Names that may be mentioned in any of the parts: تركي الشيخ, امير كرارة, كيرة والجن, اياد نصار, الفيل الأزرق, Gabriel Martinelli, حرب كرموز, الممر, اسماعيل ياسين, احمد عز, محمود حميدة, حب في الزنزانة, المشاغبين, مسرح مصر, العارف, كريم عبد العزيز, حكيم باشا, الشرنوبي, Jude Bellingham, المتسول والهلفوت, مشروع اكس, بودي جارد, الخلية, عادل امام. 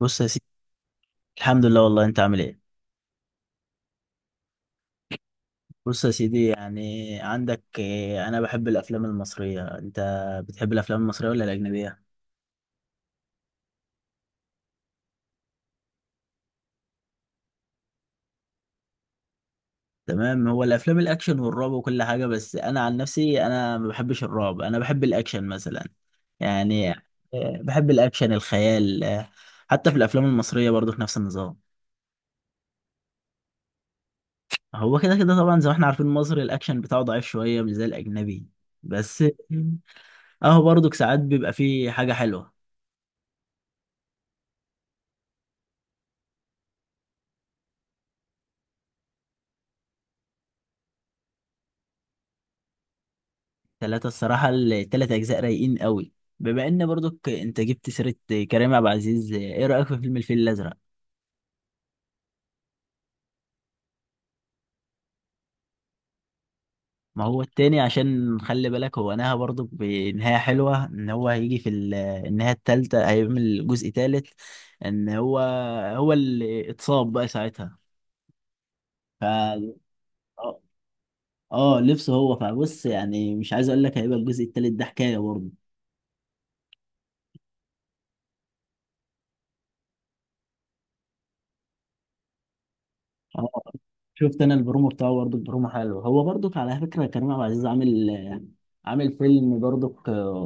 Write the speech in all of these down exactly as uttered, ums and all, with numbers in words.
بص يا سيدي، الحمد لله. والله انت عامل ايه؟ بص يا سيدي، يعني عندك اه، انا بحب الافلام المصريه. انت بتحب الافلام المصريه ولا الاجنبيه؟ تمام. هو الافلام الاكشن والرعب وكل حاجه، بس انا عن نفسي انا ما بحبش الرعب، انا بحب الاكشن مثلا. يعني اه، بحب الاكشن، الخيال، اه، حتى في الافلام المصريه برضو في نفس النظام. هو كده كده طبعا، زي ما احنا عارفين مصر الاكشن بتاعه ضعيف شويه، مش زي الاجنبي، بس اهو برضو ساعات بيبقى فيه حاجه حلوه. ثلاثة، الصراحة الثلاث أجزاء رايقين قوي. بما إن برضك أنت جبت سيرة كريم عبد العزيز، إيه رأيك في فيلم الفيل الأزرق؟ ما هو التاني عشان خلي بالك هو نهى برضك بنهاية حلوة، إن هو هيجي في ال- النهاية التالتة هيعمل جزء تالت، إن هو. هو اللي اتصاب بقى ساعتها. ف آه آه، لبسه هو. فبص يعني، مش عايز أقول لك، هيبقى الجزء التالت ده حكاية برضه. شفت انا البرومو بتاعه برضه، البرومو حلو، هو برضه على فكره كريم عبد العزيز عامل عامل فيلم برضه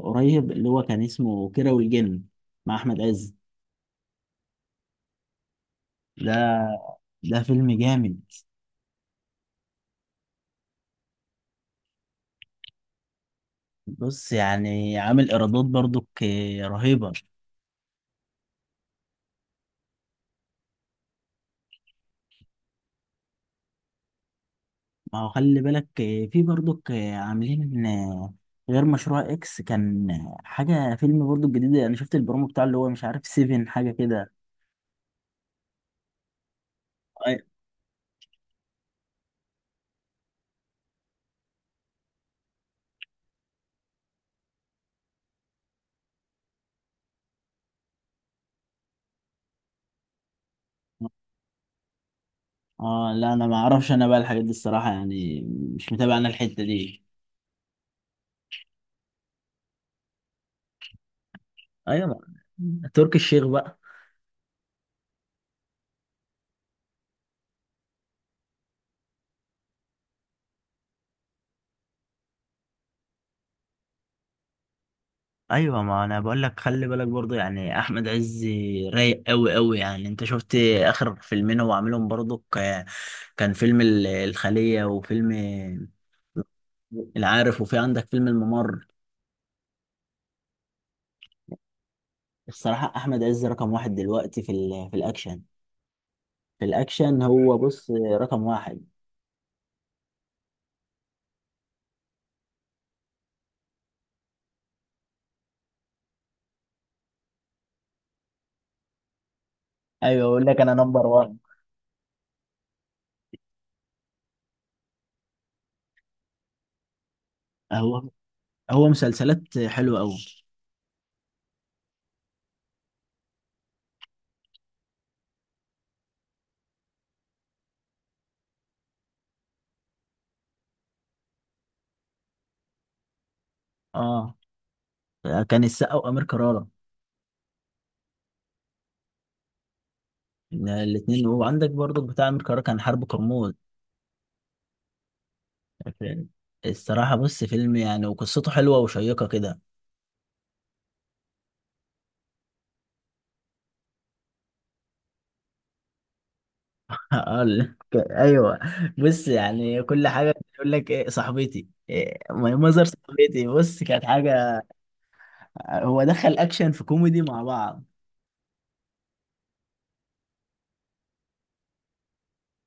قريب اللي هو كان اسمه كيرة والجن، مع احمد عز. ده ده فيلم جامد. بص يعني عامل ايرادات برضه رهيبه. ما هو خلي بالك، في برضه عاملين، غير مشروع اكس، كان حاجه فيلم برضه جديد انا شفت البرومو بتاعه، اللي هو مش عارف سيفن حاجه كده. أي- اه لا، انا ما اعرفش انا بقى الحاجات دي الصراحه يعني، مش متابع انا الحته دي. ايوه، ما- تركي الشيخ بقى. ايوه، ما انا بقول لك، خلي بالك برضو يعني احمد عز رايق قوي قوي، يعني انت شفت اخر فيلمين هو عاملهم برضو، ك- كان فيلم ال- الخلية، وفيلم العارف، وفي عندك فيلم الممر. الصراحة احمد عز رقم واحد دلوقتي، في ال- في الاكشن. في الاكشن هو بص، رقم واحد. ايوه، اقول لك انا نمبر وان. هو هو مسلسلات حلوة قوي. اه، كان السقا وامير كرارة الاثنين. وعندك برضو بتاع أمير كرارة كان حرب كرموز. الصراحة بص فيلم يعني، وقصته حلوة وشيقة كده. آه، ال- ك- ايوه. بص يعني كل حاجة، يقول لك ايه صاحبتي، إيه مظهر صاحبتي، بص كانت حاجة. هو دخل اكشن في كوميدي مع بعض.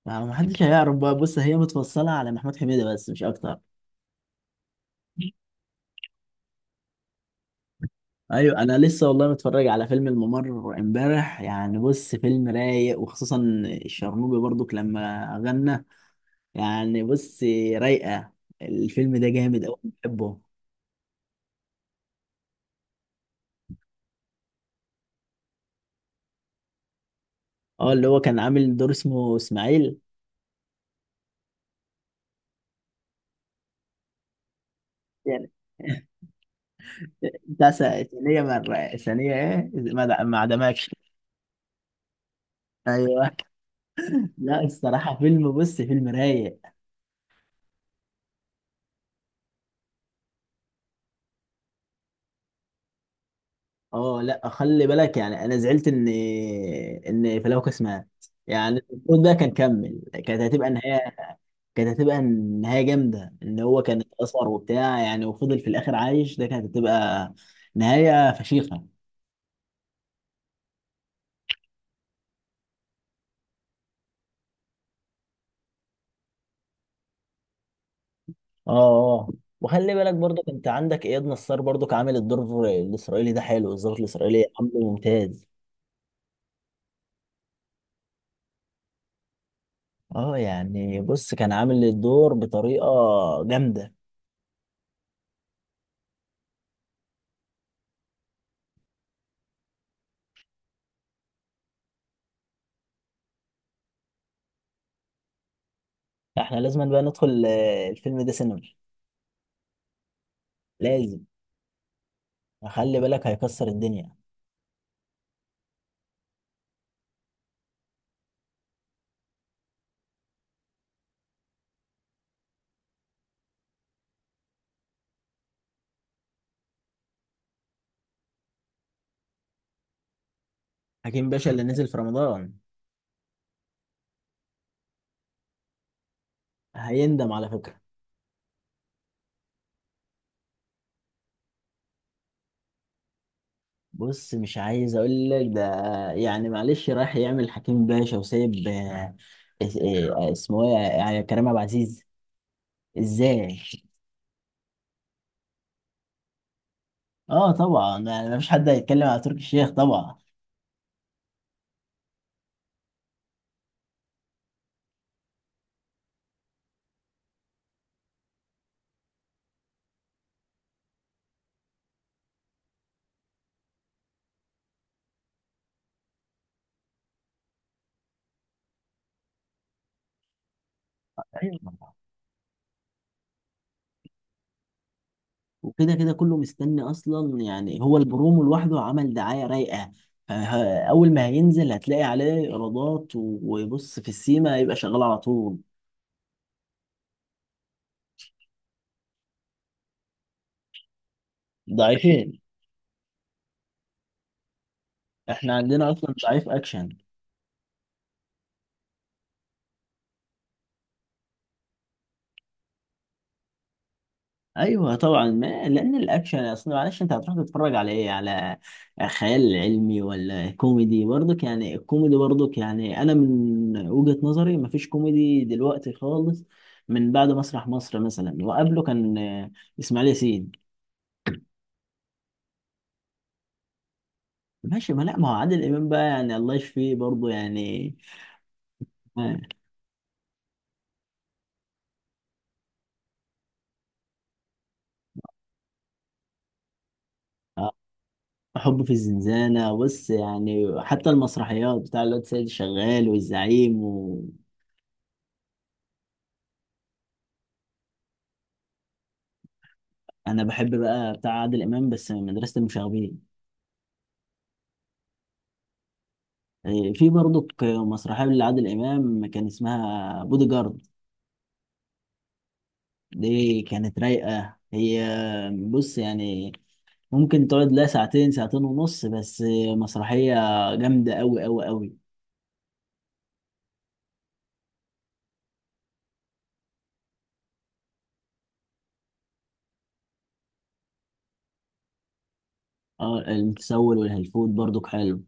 ما ما حدش هيعرف بقى، بص هي متفصلة على محمود حميدة بس، مش اكتر. ايوه، انا لسه والله متفرج على فيلم الممر امبارح، يعني بص فيلم رايق، وخصوصا الشرنوبي برضو لما غنى، يعني بص رايقة. الفيلم ده جامد أوي، بحبه. اه، اللي هو كان عامل دور اسمه إسماعيل. يعني بتاع س- ثانية مرة ثانية إيه، ما د- ما عدمكش. أيوه. لا الصراحة فيلم، بص فيلم رايق. اه لا، خلي بالك يعني، أنا زعلت إن إن فلوكس مات، يعني المفروض ده كان كمل. كانت هتبقى النهاية كانت هتبقى النهاية جامدة، إن هو كان اتأثر وبتاع يعني، وفضل في الآخر عايش، ده كانت هتبقى نهاية فشيخة. اه، اه. وخلي بالك برضك، انت عندك اياد نصار برضك عامل الدور الاسرائيلي ده حلو، الظابط الاسرائيلي عامله ممتاز. اه، يعني بص كان عامل الدور بطريقه جامده. احنا لازم بقى ندخل آه، الفيلم ده سينما، لازم. خلي بالك هيكسر الدنيا. حكيم باشا اللي نزل في رمضان. هيندم على فكره. بص مش عايز اقول لك ده، يعني معلش رايح يعمل حكيم باشا وسايب آه، اس- آه، اسمه ايه يعني كريم عبد العزيز، ازاي؟ اه طبعا، يعني مفيش حد هيتكلم على تركي الشيخ طبعا. ايوه طبعاً. وكده كده كله مستني اصلا يعني، هو البرومو لوحده عمل دعايه رايقه. فه- اول ما هينزل هتلاقي عليه ايرادات، و- وبص في السيما هيبقى شغال على طول. ضعيفين. احنا عندنا اصلا ضعيف اكشن. ايوه طبعا، ما لان الاكشن اصل معلش، انت هتروح تتفرج على ايه؟ على خيال علمي ولا كوميدي برضك؟ يعني الكوميدي برضك يعني، انا من وجهة نظري مفيش كوميدي دلوقتي خالص، من بعد مسرح مصر مثلا، وقبله كان آه، اسماعيل ياسين. ماشي، ما لا، ما هو عادل امام بقى يعني، الله يشفيه برضه يعني. آه، آه، حب في الزنزانة، بص يعني حتى المسرحيات بتاع الواد سيد شغال والزعيم و... انا بحب بقى بتاع عادل امام، بس من مدرسة المشاغبين. إيه، في برضك مسرحية لعادل إمام كان اسمها بودي جارد. دي كانت رايقة هي، بص يعني ممكن تقعد لها ساعتين، ساعتين ونص بس. مسرحية جامدة أوي أوي أوي. اه، المتسول والهلفوت برضك حلو.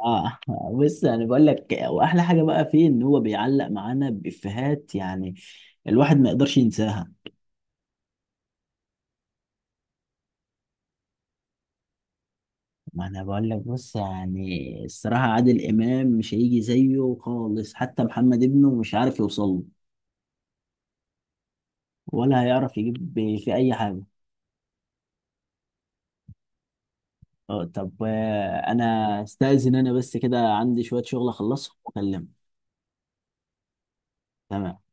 اه. بص يعني بقول لك، وأحلى حاجة بقى فيه إن هو بيعلق معانا بإفيهات، يعني الواحد ما يقدرش ينساها. ما انا بقول لك، بص يعني الصراحة عادل إمام مش هيجي زيه خالص، حتى محمد ابنه مش عارف يوصل له. ولا هيعرف يجيب ب- في اي حاجه. اه طب، آه، انا استاذن، انا بس كده عندي شويه شغل اخلصه واكلمك. تمام.